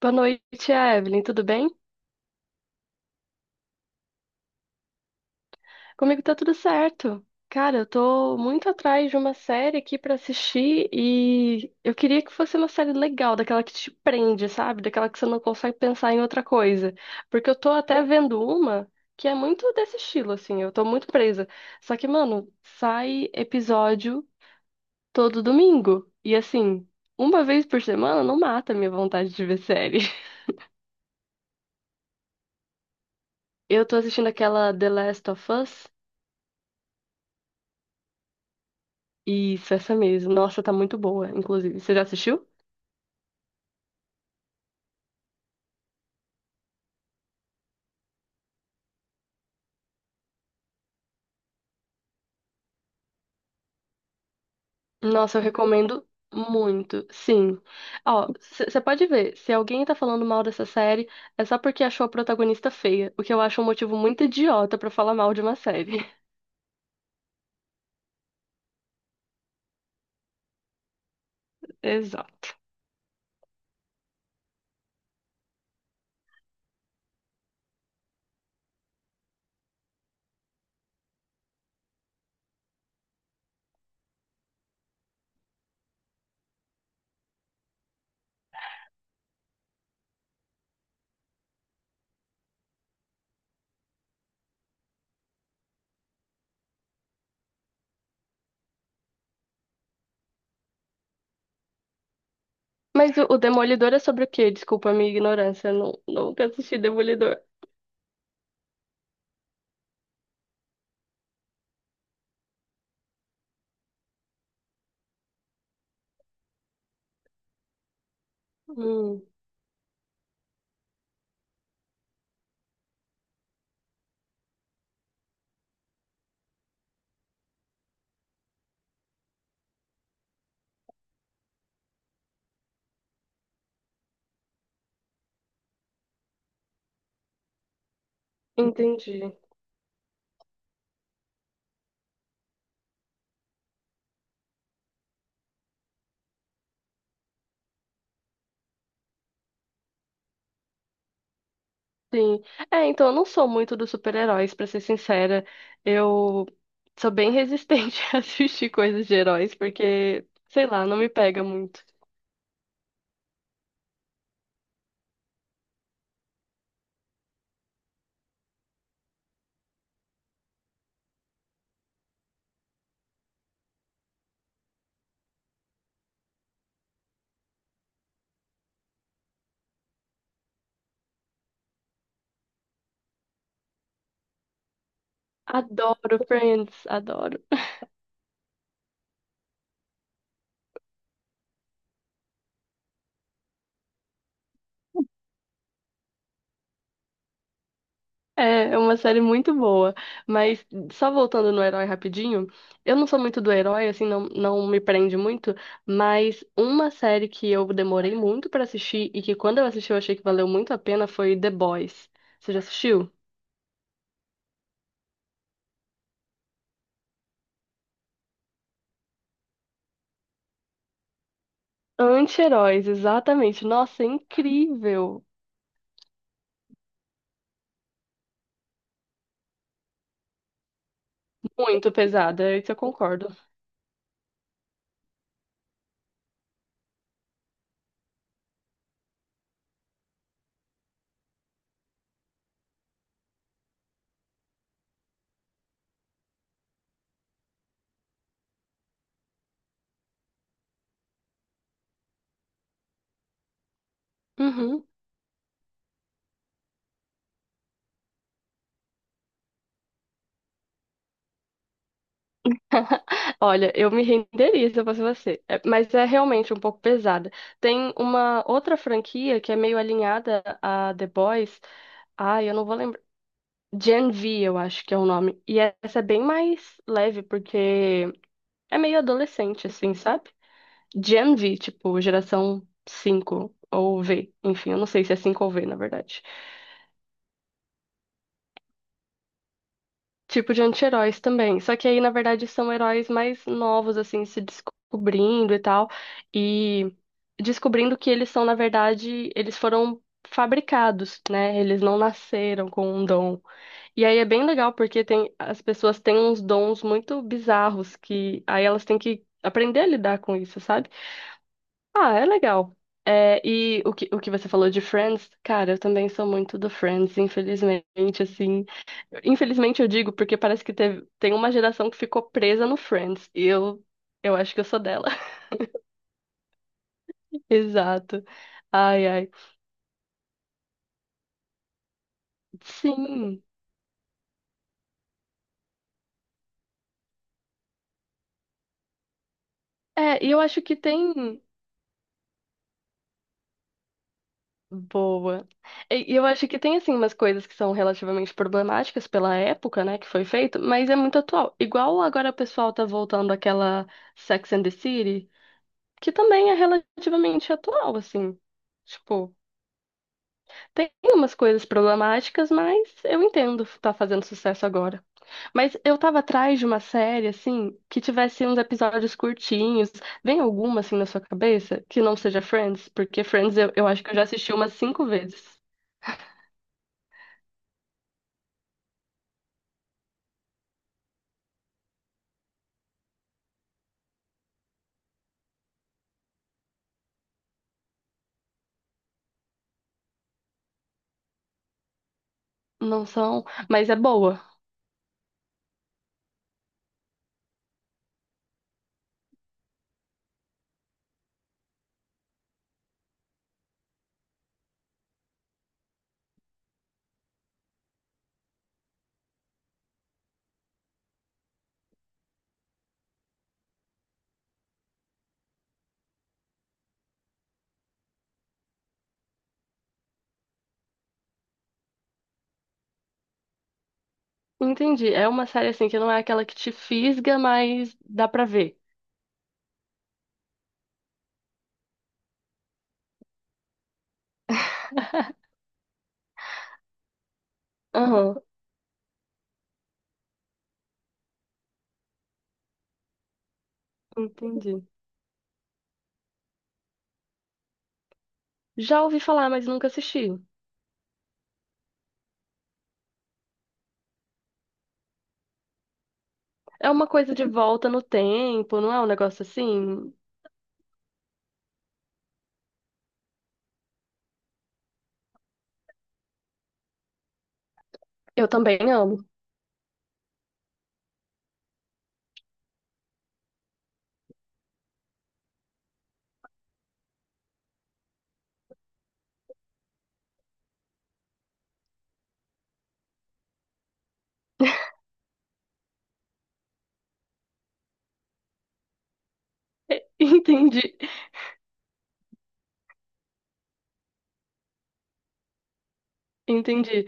Boa noite, Evelyn. Tudo bem? Comigo tá tudo certo. Cara, eu tô muito atrás de uma série aqui pra assistir e eu queria que fosse uma série legal, daquela que te prende, sabe? Daquela que você não consegue pensar em outra coisa. Porque eu tô até vendo uma que é muito desse estilo, assim. Eu tô muito presa. Só que, mano, sai episódio todo domingo. E assim, uma vez por semana não mata a minha vontade de ver série. Eu tô assistindo aquela The Last of Us. Isso, essa mesmo. Nossa, tá muito boa, inclusive. Você já assistiu? Nossa, eu recomendo muito. Sim. Ó, você pode ver, se alguém tá falando mal dessa série, é só porque achou a protagonista feia, o que eu acho um motivo muito idiota pra falar mal de uma série. Exato. Mas o Demolidor é sobre o quê? Desculpa a minha ignorância, eu não, nunca assisti Demolidor. Hum, entendi. Sim. É, então eu não sou muito dos super-heróis, pra ser sincera. Eu sou bem resistente a assistir coisas de heróis, porque, sei lá, não me pega muito. Adoro Friends, adoro. É, é uma série muito boa. Mas só voltando no herói rapidinho, eu não sou muito do herói, assim, não me prende muito, mas uma série que eu demorei muito pra assistir e que quando eu assisti eu achei que valeu muito a pena foi The Boys. Você já assistiu? Anti-heróis, exatamente. Nossa, é incrível. Muito pesada, é isso eu concordo. Uhum. Olha, eu me renderia se eu fosse você. É, mas é realmente um pouco pesada. Tem uma outra franquia que é meio alinhada a The Boys. Ai, eu não vou lembrar. Gen V, eu acho que é o nome. E essa é bem mais leve, porque é meio adolescente, assim, sabe? Gen V, tipo, geração 5 ou V. Enfim, eu não sei se é 5 ou V, na verdade. Tipo de anti-heróis também. Só que aí, na verdade, são heróis mais novos, assim, se descobrindo e tal. E descobrindo que eles são, na verdade, eles foram fabricados, né? Eles não nasceram com um dom. E aí é bem legal porque tem, as pessoas têm uns dons muito bizarros que aí elas têm que aprender a lidar com isso, sabe? Ah, é legal. É, e o que você falou de Friends, cara, eu também sou muito do Friends, infelizmente, assim. Infelizmente eu digo porque parece que teve, tem uma geração que ficou presa no Friends. Eu acho que eu sou dela. Exato. Ai, ai. Sim. É, e eu acho que tem. Boa. E eu acho que tem, assim, umas coisas que são relativamente problemáticas pela época, né, que foi feito, mas é muito atual. Igual agora o pessoal tá voltando àquela Sex and the City, que também é relativamente atual, assim. Tipo. Tem umas coisas problemáticas, mas eu entendo tá fazendo sucesso agora. Mas eu tava atrás de uma série, assim, que tivesse uns episódios curtinhos. Vem alguma, assim, na sua cabeça que não seja Friends? Porque Friends eu acho que eu já assisti umas cinco vezes. Não são, mas é boa. Entendi. É uma série, assim, que não é aquela que te fisga, mas dá pra ver. Aham, entendi. Já ouvi falar, mas nunca assisti. É uma coisa de volta no tempo, não é um negócio assim? Eu também amo. Entendi, entendi.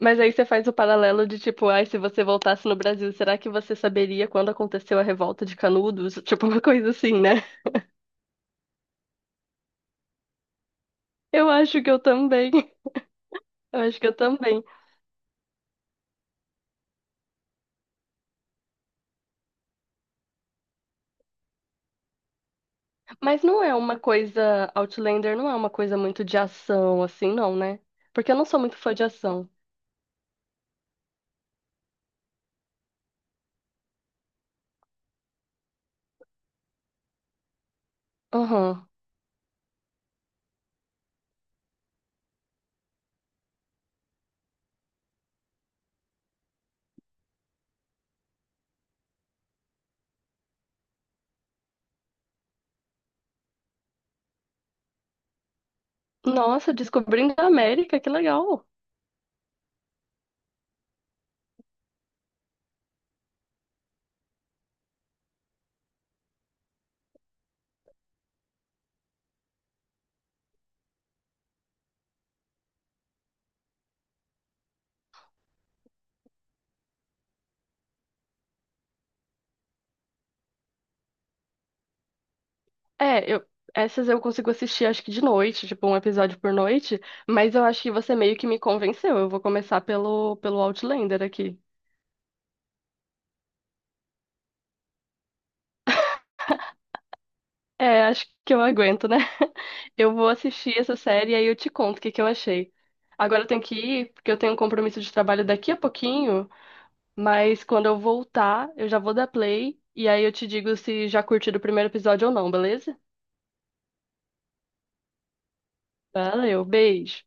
Mas aí você faz o paralelo de tipo, ai, se você voltasse no Brasil, será que você saberia quando aconteceu a revolta de Canudos? Tipo, uma coisa assim, né? Eu acho que eu também. Eu acho que eu também. Mas não é uma coisa, Outlander não é uma coisa muito de ação, assim, não, né? Porque eu não sou muito fã de ação. Aham. Nossa, descobrindo a América, que legal. É, eu, essas eu consigo assistir acho que de noite, tipo um episódio por noite, mas eu acho que você meio que me convenceu. Eu vou começar pelo Outlander aqui. É, acho que eu aguento, né? Eu vou assistir essa série e aí eu te conto o que que eu achei. Agora eu tenho que ir, porque eu tenho um compromisso de trabalho daqui a pouquinho, mas quando eu voltar, eu já vou dar play e aí eu te digo se já curtiu o primeiro episódio ou não, beleza? Valeu, beijo.